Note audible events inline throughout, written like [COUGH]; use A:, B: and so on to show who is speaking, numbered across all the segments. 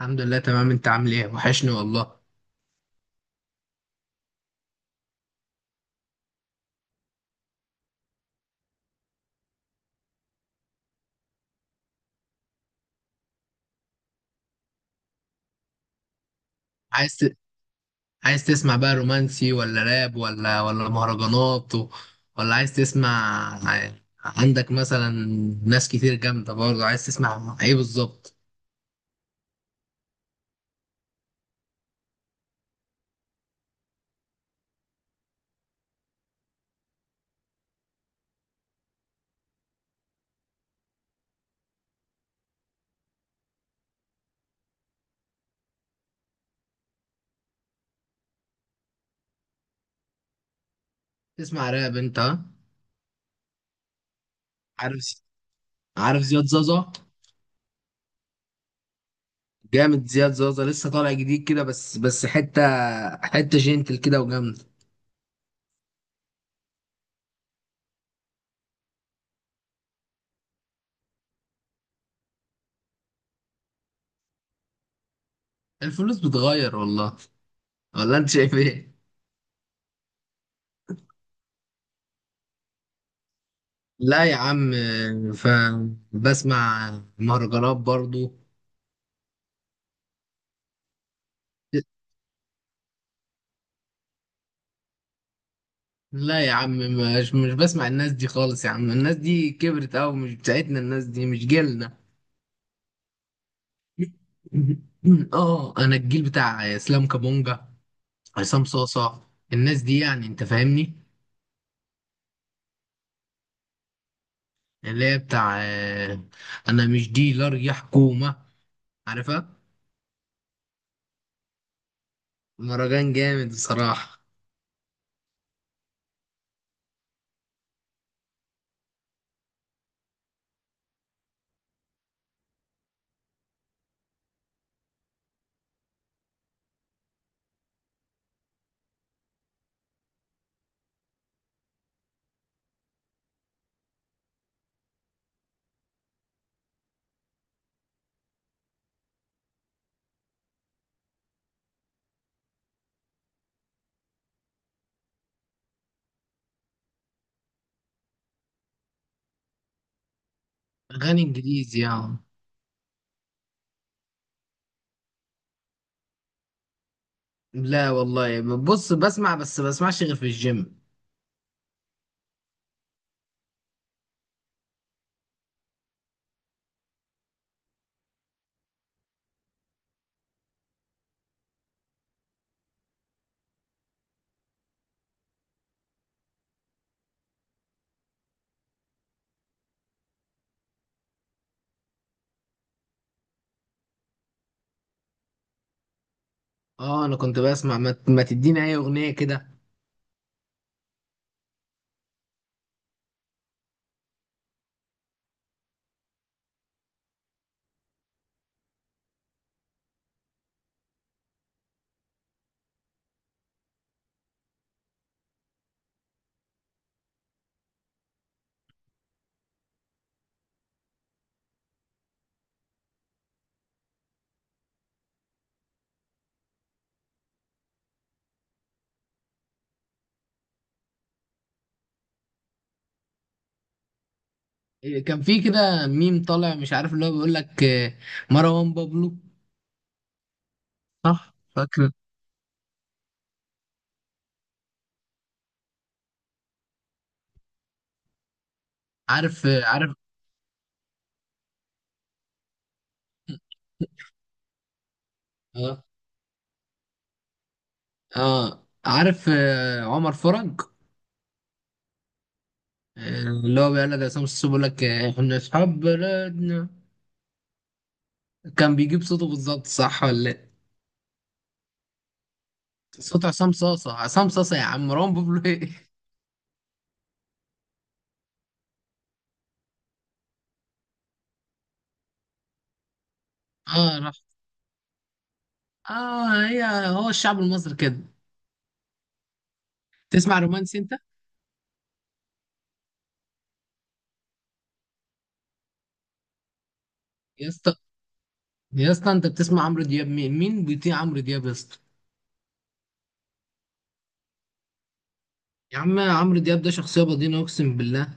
A: الحمد لله، تمام. انت عامل ايه؟ وحشني والله. عايز ت... عايز تسمع بقى رومانسي ولا راب ولا مهرجانات ولا عايز تسمع؟ عندك مثلا ناس كتير جامدة برضه، عايز تسمع ايه بالظبط؟ تسمع راب انت، ها؟ عارف عارف زياد زازا. جامد زياد زازا، لسه طالع جديد كده. بس حتة جنتل كده وجامدة. الفلوس بتغير والله، ولا انت شايف ايه؟ لا يا عم. ف بسمع مهرجانات برضو. لا يا عم، مش بسمع الناس دي خالص يا عم. الناس دي كبرت أوي، مش بتاعتنا، الناس دي مش جيلنا. [LAUGHS] اه، انا الجيل بتاع اسلام كابونجا، عصام صاصة، الناس دي، يعني انت فاهمني. اللي هي بتاع انا مش ديلر يا حكومة، عارفها؟ مهرجان جامد بصراحة. اغاني انجليزي يعني؟ لا والله، بص، بسمع بس بسمعش غير في الجيم. اه، انا كنت بسمع، ما تديني اي اغنية كده. كان في كده ميم طالع مش عارف، اللي هو بيقول لك مروان بابلو. صح، فاكر. عارف. اه، اه، عارف، عمر فرج. اللي هو بيقول لك عصام السوسو بيقول لك احنا اصحاب بلدنا. كان بيجيب صوته بالظبط، صح ولا لا؟ صوت عصام صاصة. عصام صاصة يا عم، مروان بابلو ايه! [LAUGHS] اه، راح. اه، هو الشعب المصري كده. تسمع رومانسي انت؟ يا اسطى، يا اسطى، انت بتسمع عمرو دياب؟ مين بيطيع عمرو دياب يا اسطى؟ يا عم، عمرو دياب ده شخصية بدينة، أقسم بالله.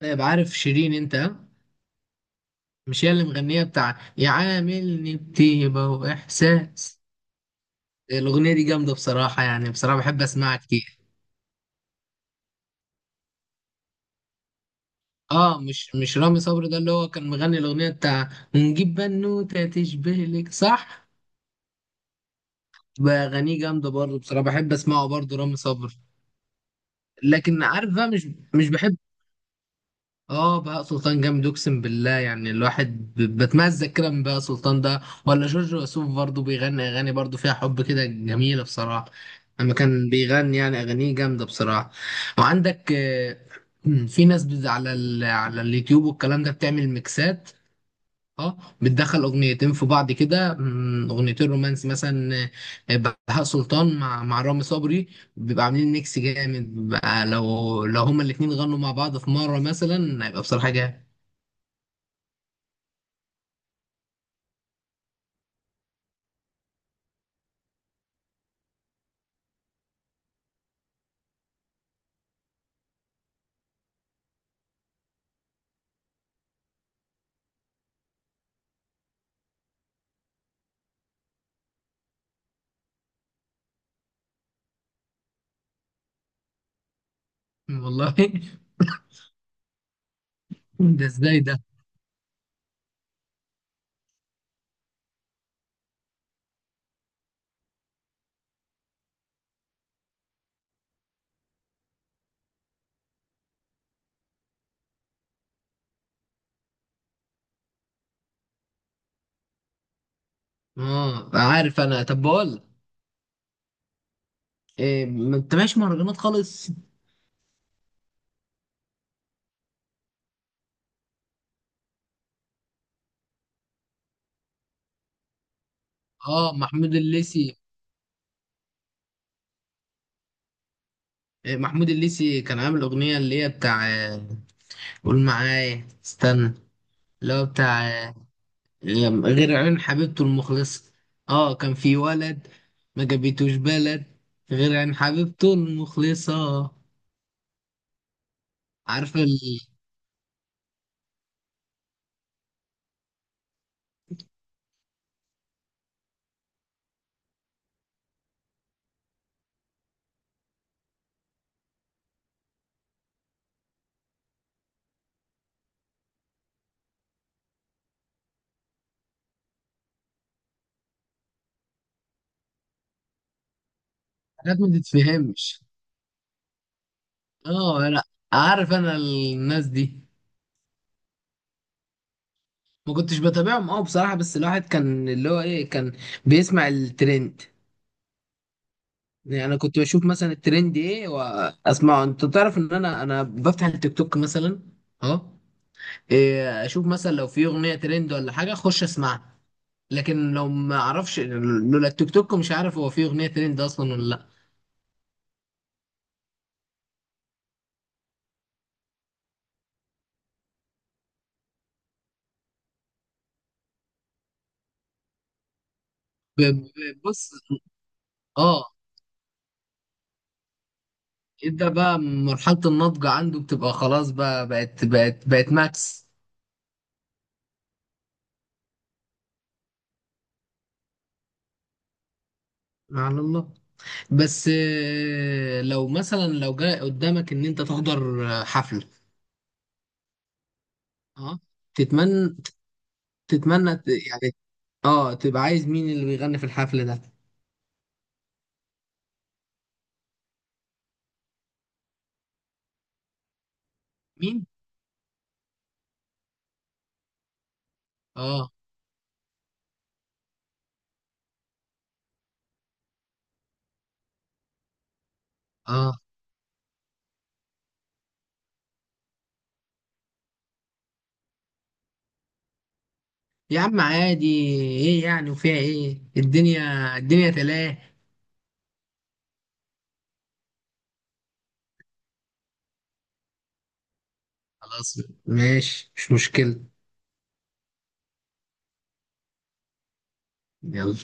A: طيب، عارف شيرين أنت، ها؟ مش هي اللي مغنية بتاع يعاملني بطيبة وإحساس؟ الأغنية دي جامدة بصراحة، يعني بصراحة بحب أسمعها كتير. آه، مش رامي صبري ده اللي هو كان مغني الأغنية بتاع ونجيب بنوتة تشبه لك، صح؟ بأغانيه جامدة برضه بصراحة، بحب أسمعه برضه رامي صبري. لكن عارف بقى، مش، مش بحب. اه، بهاء سلطان جامد، اقسم بالله. يعني الواحد بتمزق كده من بهاء سلطان ده، ولا جورج وسوف برضه بيغني اغاني برضه فيها حب كده جميله بصراحه. لما كان بيغني يعني، اغانيه جامده بصراحه. وعندك في ناس على على اليوتيوب والكلام ده بتعمل ميكسات. اه، بتدخل اغنيتين في بعض كده، اغنيتين رومانسي مثلا. آه، بهاء سلطان مع رامي صبري، بيبقى عاملين ميكس جامد بقى. لو هما الاتنين غنوا مع بعض في مره مثلا، هيبقى بصراحه جامد. والله! [LAUGHS] ده ازاي ده؟ اه، عارف انا، طب بقول لك، ما انتبهش مهرجانات خالص. اه، محمود الليثي. محمود الليثي كان عامل اغنيه اللي هي بتاع، قول معايا، استنى، اللي هو بتاع غير عيون حبيبته المخلصة. اه، كان في ولد، ما جابتوش بلد، غير عن حبيبته المخلصة. عارفة حاجات ما تتفهمش. اه، انا عارف انا الناس دي. ما كنتش بتابعهم، اه، بصراحة، بس الواحد كان، اللي هو ايه، كان بيسمع الترند. يعني انا كنت بشوف مثلا الترند ايه واسمعه. انت تعرف ان انا بفتح التيك توك مثلا. اه. إيه، اشوف مثلا لو في اغنية ترند ولا حاجة اخش اسمعها. لكن لو ما اعرفش لولا التيك توك، مش عارف هو فيه اغنيه ترند اصلا ولا لا. بص. اه، ابدا، بقى مرحله النضج عنده بتبقى خلاص، بقى بقت ماكس. على الله. بس لو مثلا لو جاء قدامك ان انت تحضر حفله. اه. تتمنى تتمنى يعني، اه، تبقى عايز مين اللي بيغني في الحفله ده؟ مين؟ اه، اه، يا عم عادي، ايه يعني وفيها ايه، الدنيا، الدنيا تلاه. خلاص، ماشي، مش مشكلة. يلا.